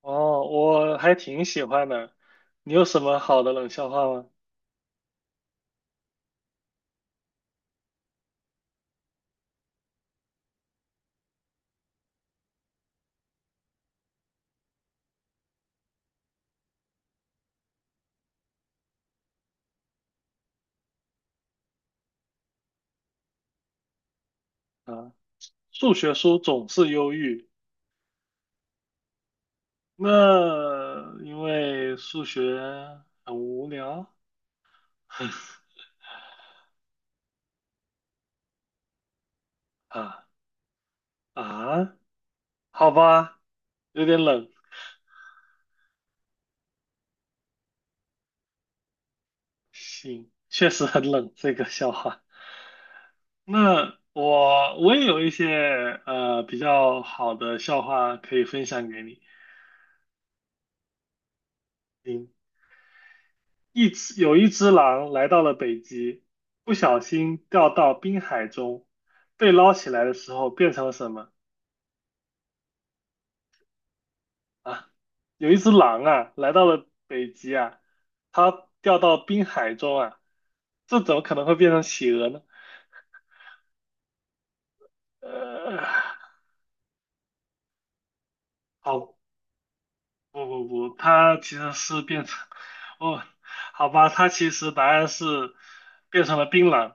哦，我还挺喜欢的。你有什么好的冷笑话吗？啊，数学书总是忧郁，那因为数学很无聊。啊啊，好吧，有点冷，行，确实很冷这个笑话。那我也有一些比较好的笑话可以分享给你，嗯。有一只狼来到了北极，不小心掉到冰海中，被捞起来的时候变成了什么啊？有一只狼啊，来到了北极啊，它掉到冰海中啊，这怎么可能会变成企鹅呢？呃，好，不不不，它其实是变成，哦，好吧，它其实答案是变成了槟榔。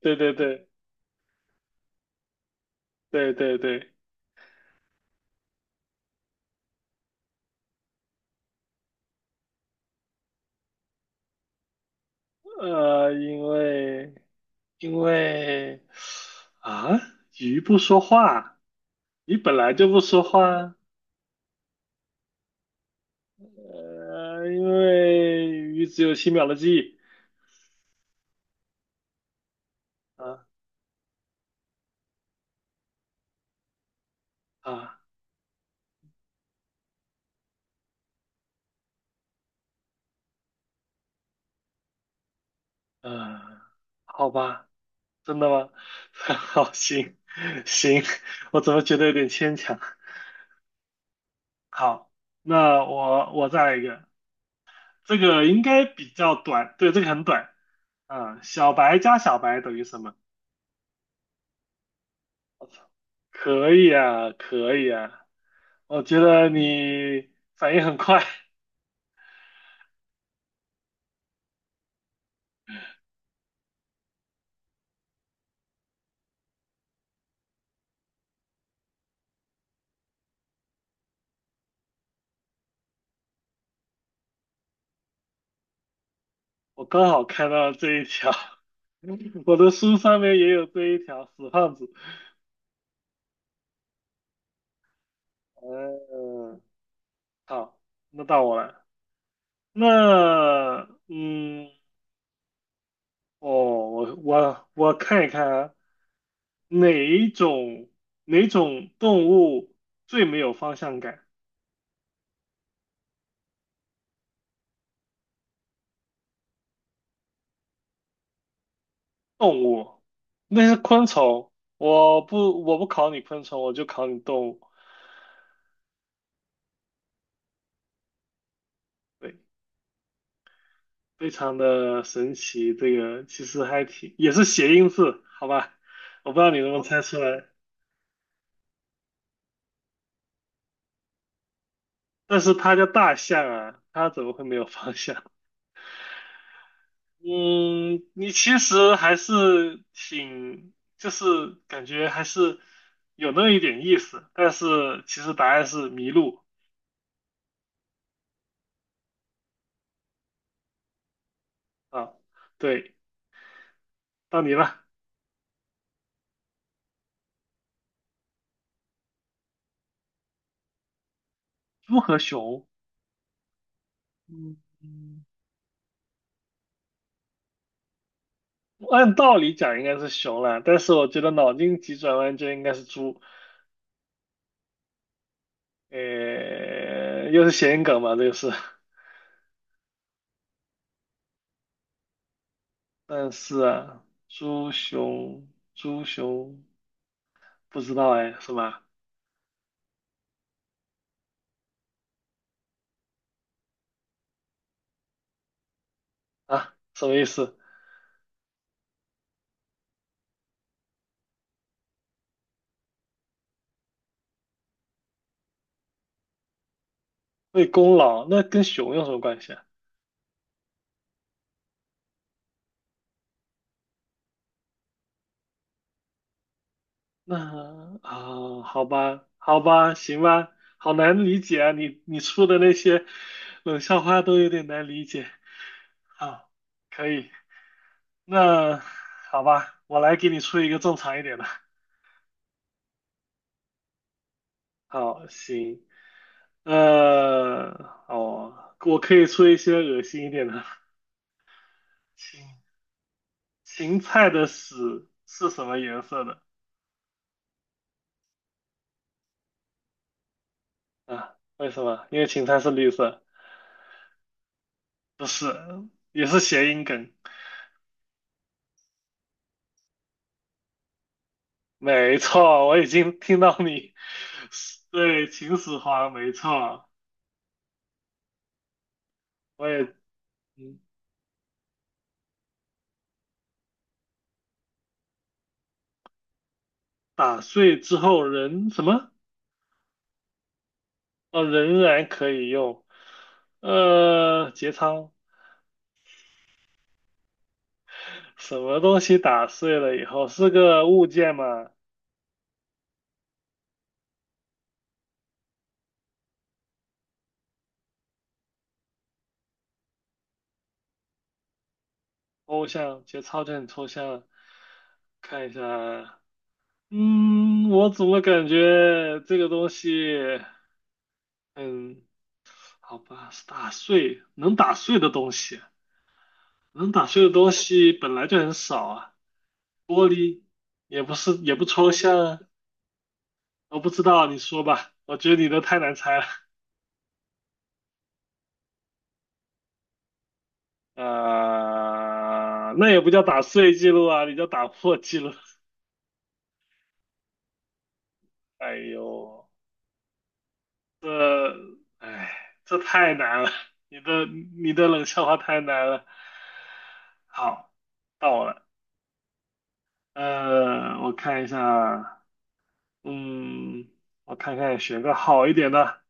对对对对对对，因为。因为啊，鱼不说话，鱼本来就不说话，因为鱼只有7秒的记忆，啊啊啊，好吧，真的吗？好，行行，我怎么觉得有点牵强？好，那我再来一个，这个应该比较短，对，这个很短啊，小白加小白等于什么？可以啊，可以啊，我觉得你反应很快，我刚好看到这一条，我的书上面也有这一条，死胖子。嗯，好，那到我了。那，嗯，哦，我看一看啊，哪一种哪种动物最没有方向感？动物，那是昆虫。我不考你昆虫，我就考你动物。对。非常的神奇，这个其实还挺，也是谐音字，好吧？我不知道你能不能猜出来，但是它叫大象啊，它怎么会没有方向？嗯，你其实还是挺，就是感觉还是有那么一点意思，但是其实答案是麋鹿啊。对，到你了，猪和熊。嗯嗯，按道理讲应该是熊了，但是我觉得脑筋急转弯就应该是猪。又是谐音梗嘛，这个是。但是啊，猪熊不知道哎，是吧？啊，什么意思？为功劳，那跟熊有什么关系啊？那啊，好吧，好吧，行吧，好难理解啊，你出的那些冷笑话都有点难理解。好，可以，那好吧，我来给你出一个正常一点的。好，行。呃，哦，我可以出一些恶心一点的。芹芹菜的屎是什么颜色的？啊，为什么？因为芹菜是绿色。不是，也是谐音梗。没错，我已经听到你对秦始皇，没错，我也嗯打碎之后仍什么？哦，仍然可以用。节操，什么东西打碎了以后是个物件吗？抽象，节操就很抽象。看一下，嗯，我怎么感觉这个东西，嗯，好吧，是打碎，能打碎的东西，能打碎的东西本来就很少啊。玻璃也不是，也不抽象啊。我不知道，你说吧，我觉得你的太难猜了。那也不叫打碎记录啊，你叫打破记录。哎呦。这，哎，这太难了，你的冷笑话太难了。好，到我了。我看一下，嗯，我看看选个好一点的。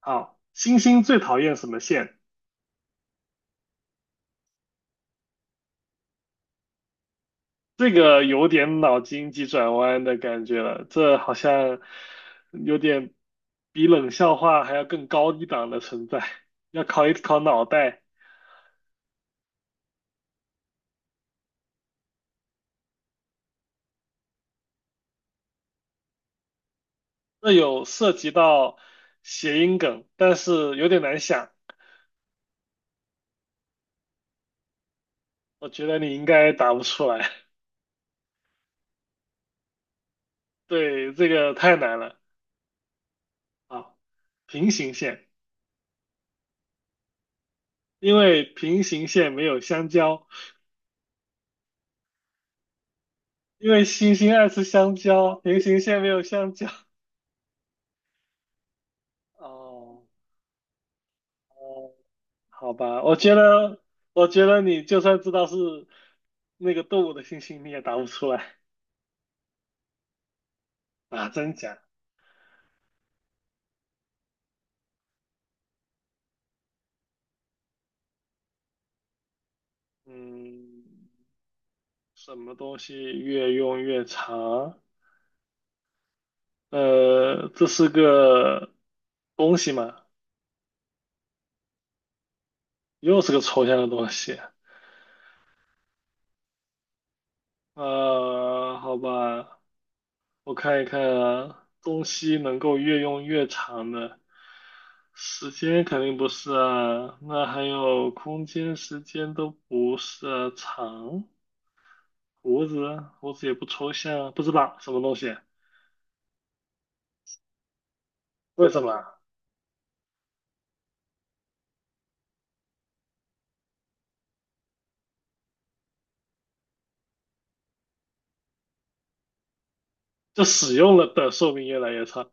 好，星星最讨厌什么线？这个有点脑筋急转弯的感觉了，这好像有点比冷笑话还要更高一档的存在，要考一考脑袋。这有涉及到谐音梗，但是有点难想，我觉得你应该答不出来。对，这个太难了。啊！平行线，因为平行线没有香蕉，因为星星爱吃香蕉，平行线没有香蕉。哦，哦，好吧，我觉得，我觉得你就算知道是那个动物的星星，你也答不出来啊，真假？嗯，什么东西越用越长？这是个东西嘛，又是个抽象的东西。好吧，我看一看啊，东西能够越用越长的，时间肯定不是啊，那还有空间、时间都不是啊长，胡子，胡子也不抽象啊，不知道什么东西，为什么啊？就使用了的寿命越来越长。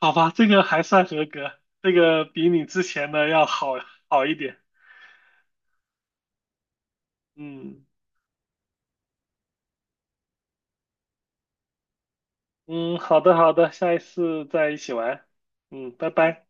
好吧，这个还算合格，这个比你之前的要好一点。嗯嗯，好的好的，下一次再一起玩。嗯，拜拜。